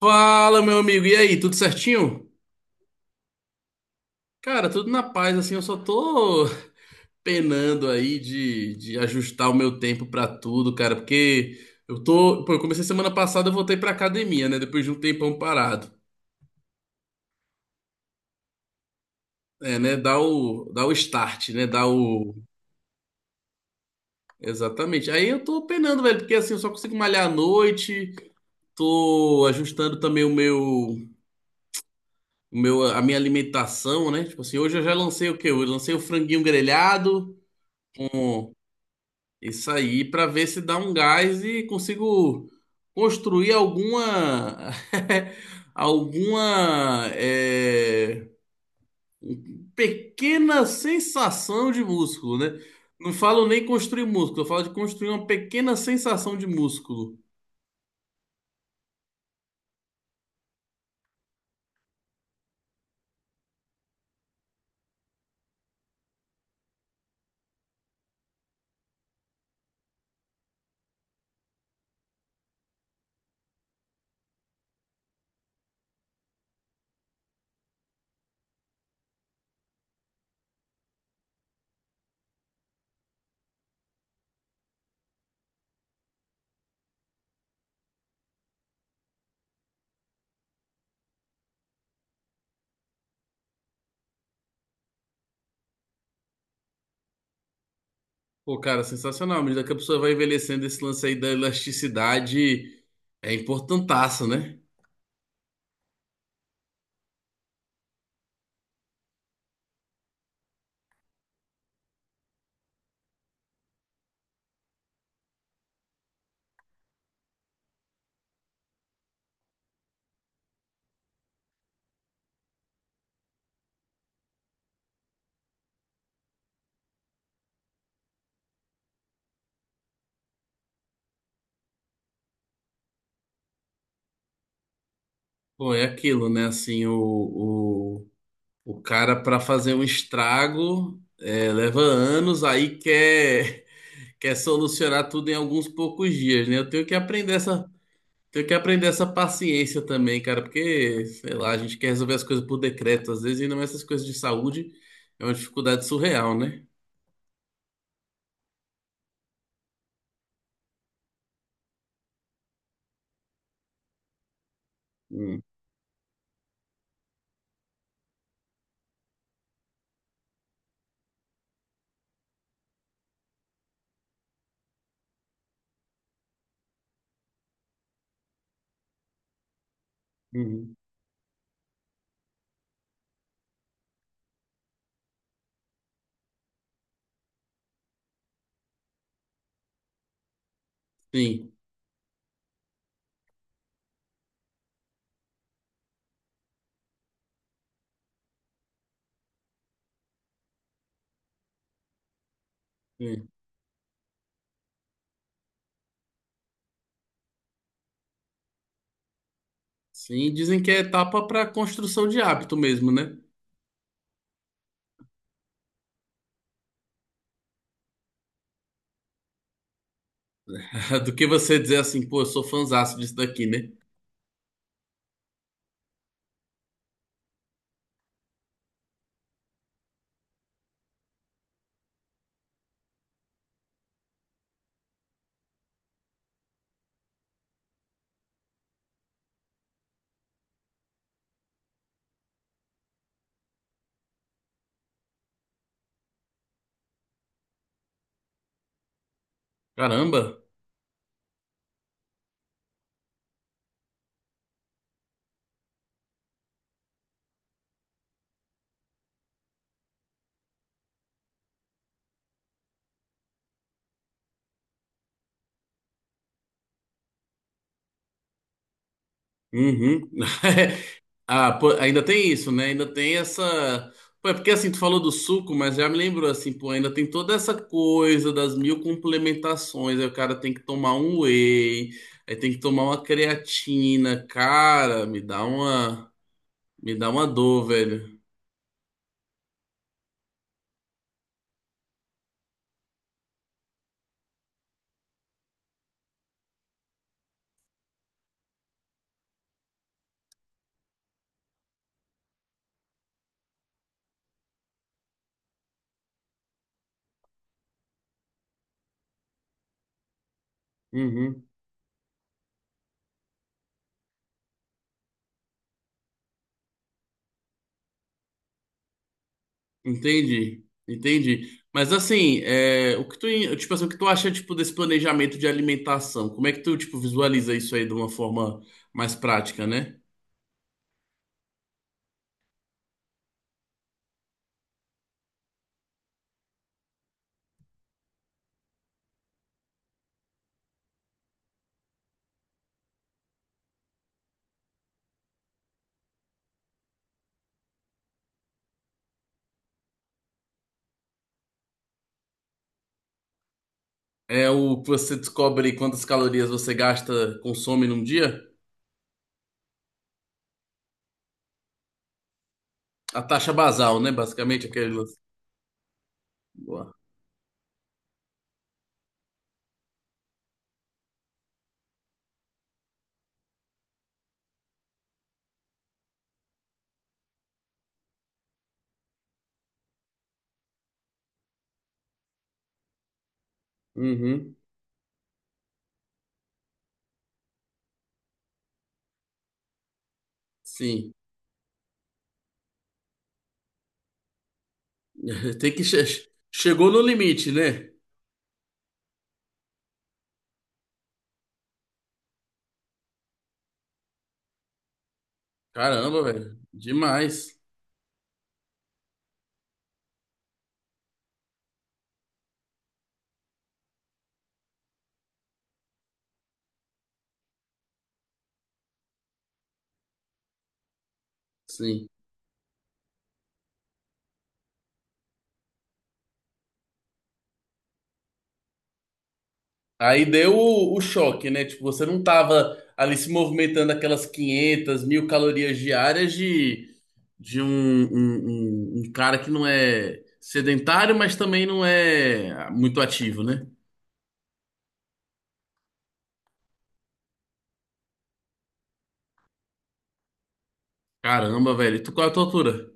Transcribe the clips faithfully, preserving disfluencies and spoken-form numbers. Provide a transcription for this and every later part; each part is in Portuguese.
Fala, meu amigo, e aí, tudo certinho? Cara, tudo na paz, assim, eu só tô penando aí de, de ajustar o meu tempo pra tudo, cara, porque eu tô, pô, eu comecei semana passada, eu voltei pra academia, né, depois de um tempão parado. É, né, dá o, dá o start, né, dá o... Exatamente. Aí eu tô penando, velho, porque assim, eu só consigo malhar à noite, tô ajustando também o meu, o meu, a minha alimentação, né, tipo assim, hoje eu já lancei o quê? Eu lancei o franguinho grelhado. Isso aí, para ver se dá um gás e consigo construir alguma alguma é, pequena sensação de músculo, né? Não falo nem construir músculo, eu falo de construir uma pequena sensação de músculo. Pô, cara, sensacional. À medida que a pessoa vai envelhecendo, esse lance aí da elasticidade é importantaço, né? Bom, é aquilo, né? Assim, o, o cara, para fazer um estrago, é, leva anos, aí quer, quer solucionar tudo em alguns poucos dias, né? Eu tenho que aprender essa, tenho que aprender essa paciência também, cara, porque, sei lá, a gente quer resolver as coisas por decreto, às vezes, ainda mais essas coisas de saúde, é uma dificuldade surreal, né? Hum, uhum. Sim, sim. Sim, dizem que é etapa para construção de hábito mesmo, né? Do que você dizer assim, pô, eu sou fãzaço disso daqui, né? Caramba! Uhum. Ah, pô, ainda tem isso, né? Ainda tem essa. Pô, é porque assim, tu falou do suco, mas já me lembrou assim, pô, ainda tem toda essa coisa das mil complementações. Aí o cara tem que tomar um whey, aí tem que tomar uma creatina. Cara, me dá uma. Me dá uma dor, velho. Uhum. Entendi, entendi. Mas assim, é, o que tu, tipo assim, o que tu acha tipo desse planejamento de alimentação? Como é que tu tipo visualiza isso aí de uma forma mais prática, né? É o que você descobre quantas calorias você gasta, consome num dia? A taxa basal, né? Basicamente aquele lance. Boa. Uhum. Sim. Tem que che- chegou no limite, né? Caramba, velho. Demais. Sim. Aí deu o, o choque, né? Tipo, você não tava ali se movimentando aquelas quinhentas mil calorias diárias de, de um, um um- um cara que não é sedentário, mas também não é muito ativo, né? Caramba, velho. Tu, qual é a tua altura?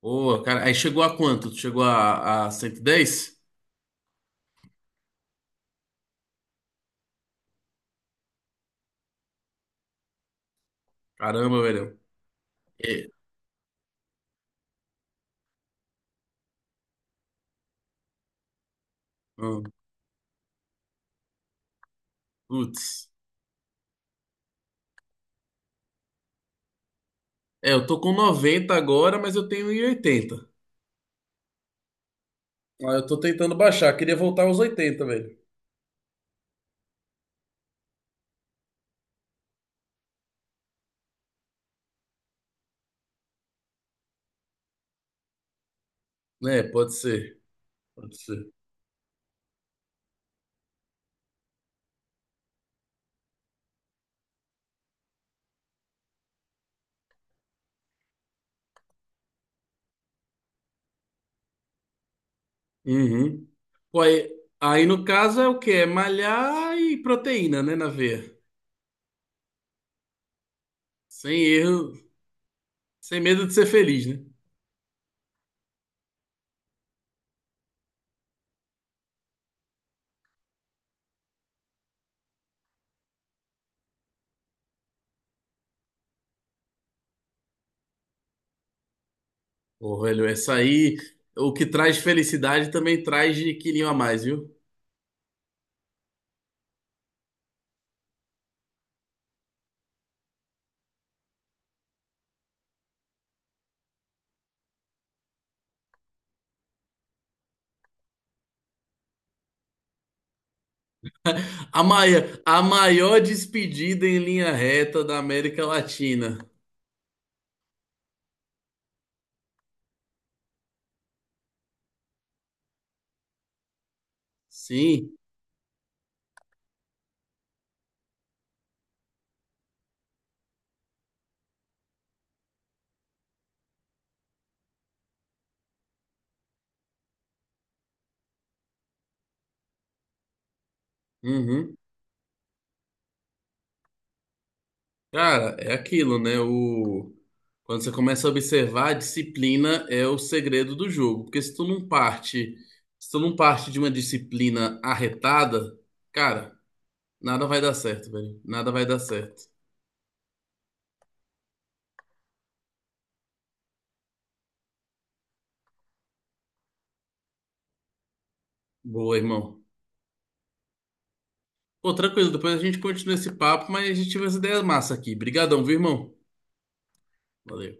Pô, cara, aí chegou a quanto? Tu chegou a, a cento e dez? Caramba, velho. É, hum, putz. É, eu tô com noventa agora, mas eu tenho um oitenta. Ah, eu tô tentando baixar. Queria voltar aos oitenta, velho. É, pode ser. Pode ser. Uhum. Pô, aí, aí no caso é o quê? É malhar e proteína, né, na veia. Sem erro, sem medo de ser feliz, né? Pô, velho, essa aí, o que traz felicidade também traz de quilinho a mais, viu? A maior, a maior despedida em linha reta da América Latina. Sim. Uhum. Cara, é aquilo, né? O... Quando você começa a observar, a disciplina é o segredo do jogo. Porque se tu não parte, se tu não parte de uma disciplina arretada, cara, nada vai dar certo, velho. Nada vai dar certo. Boa, irmão. Pô, tranquilo, depois a gente continua esse papo, mas a gente tive essa ideia massa aqui. Brigadão, viu, irmão? Valeu.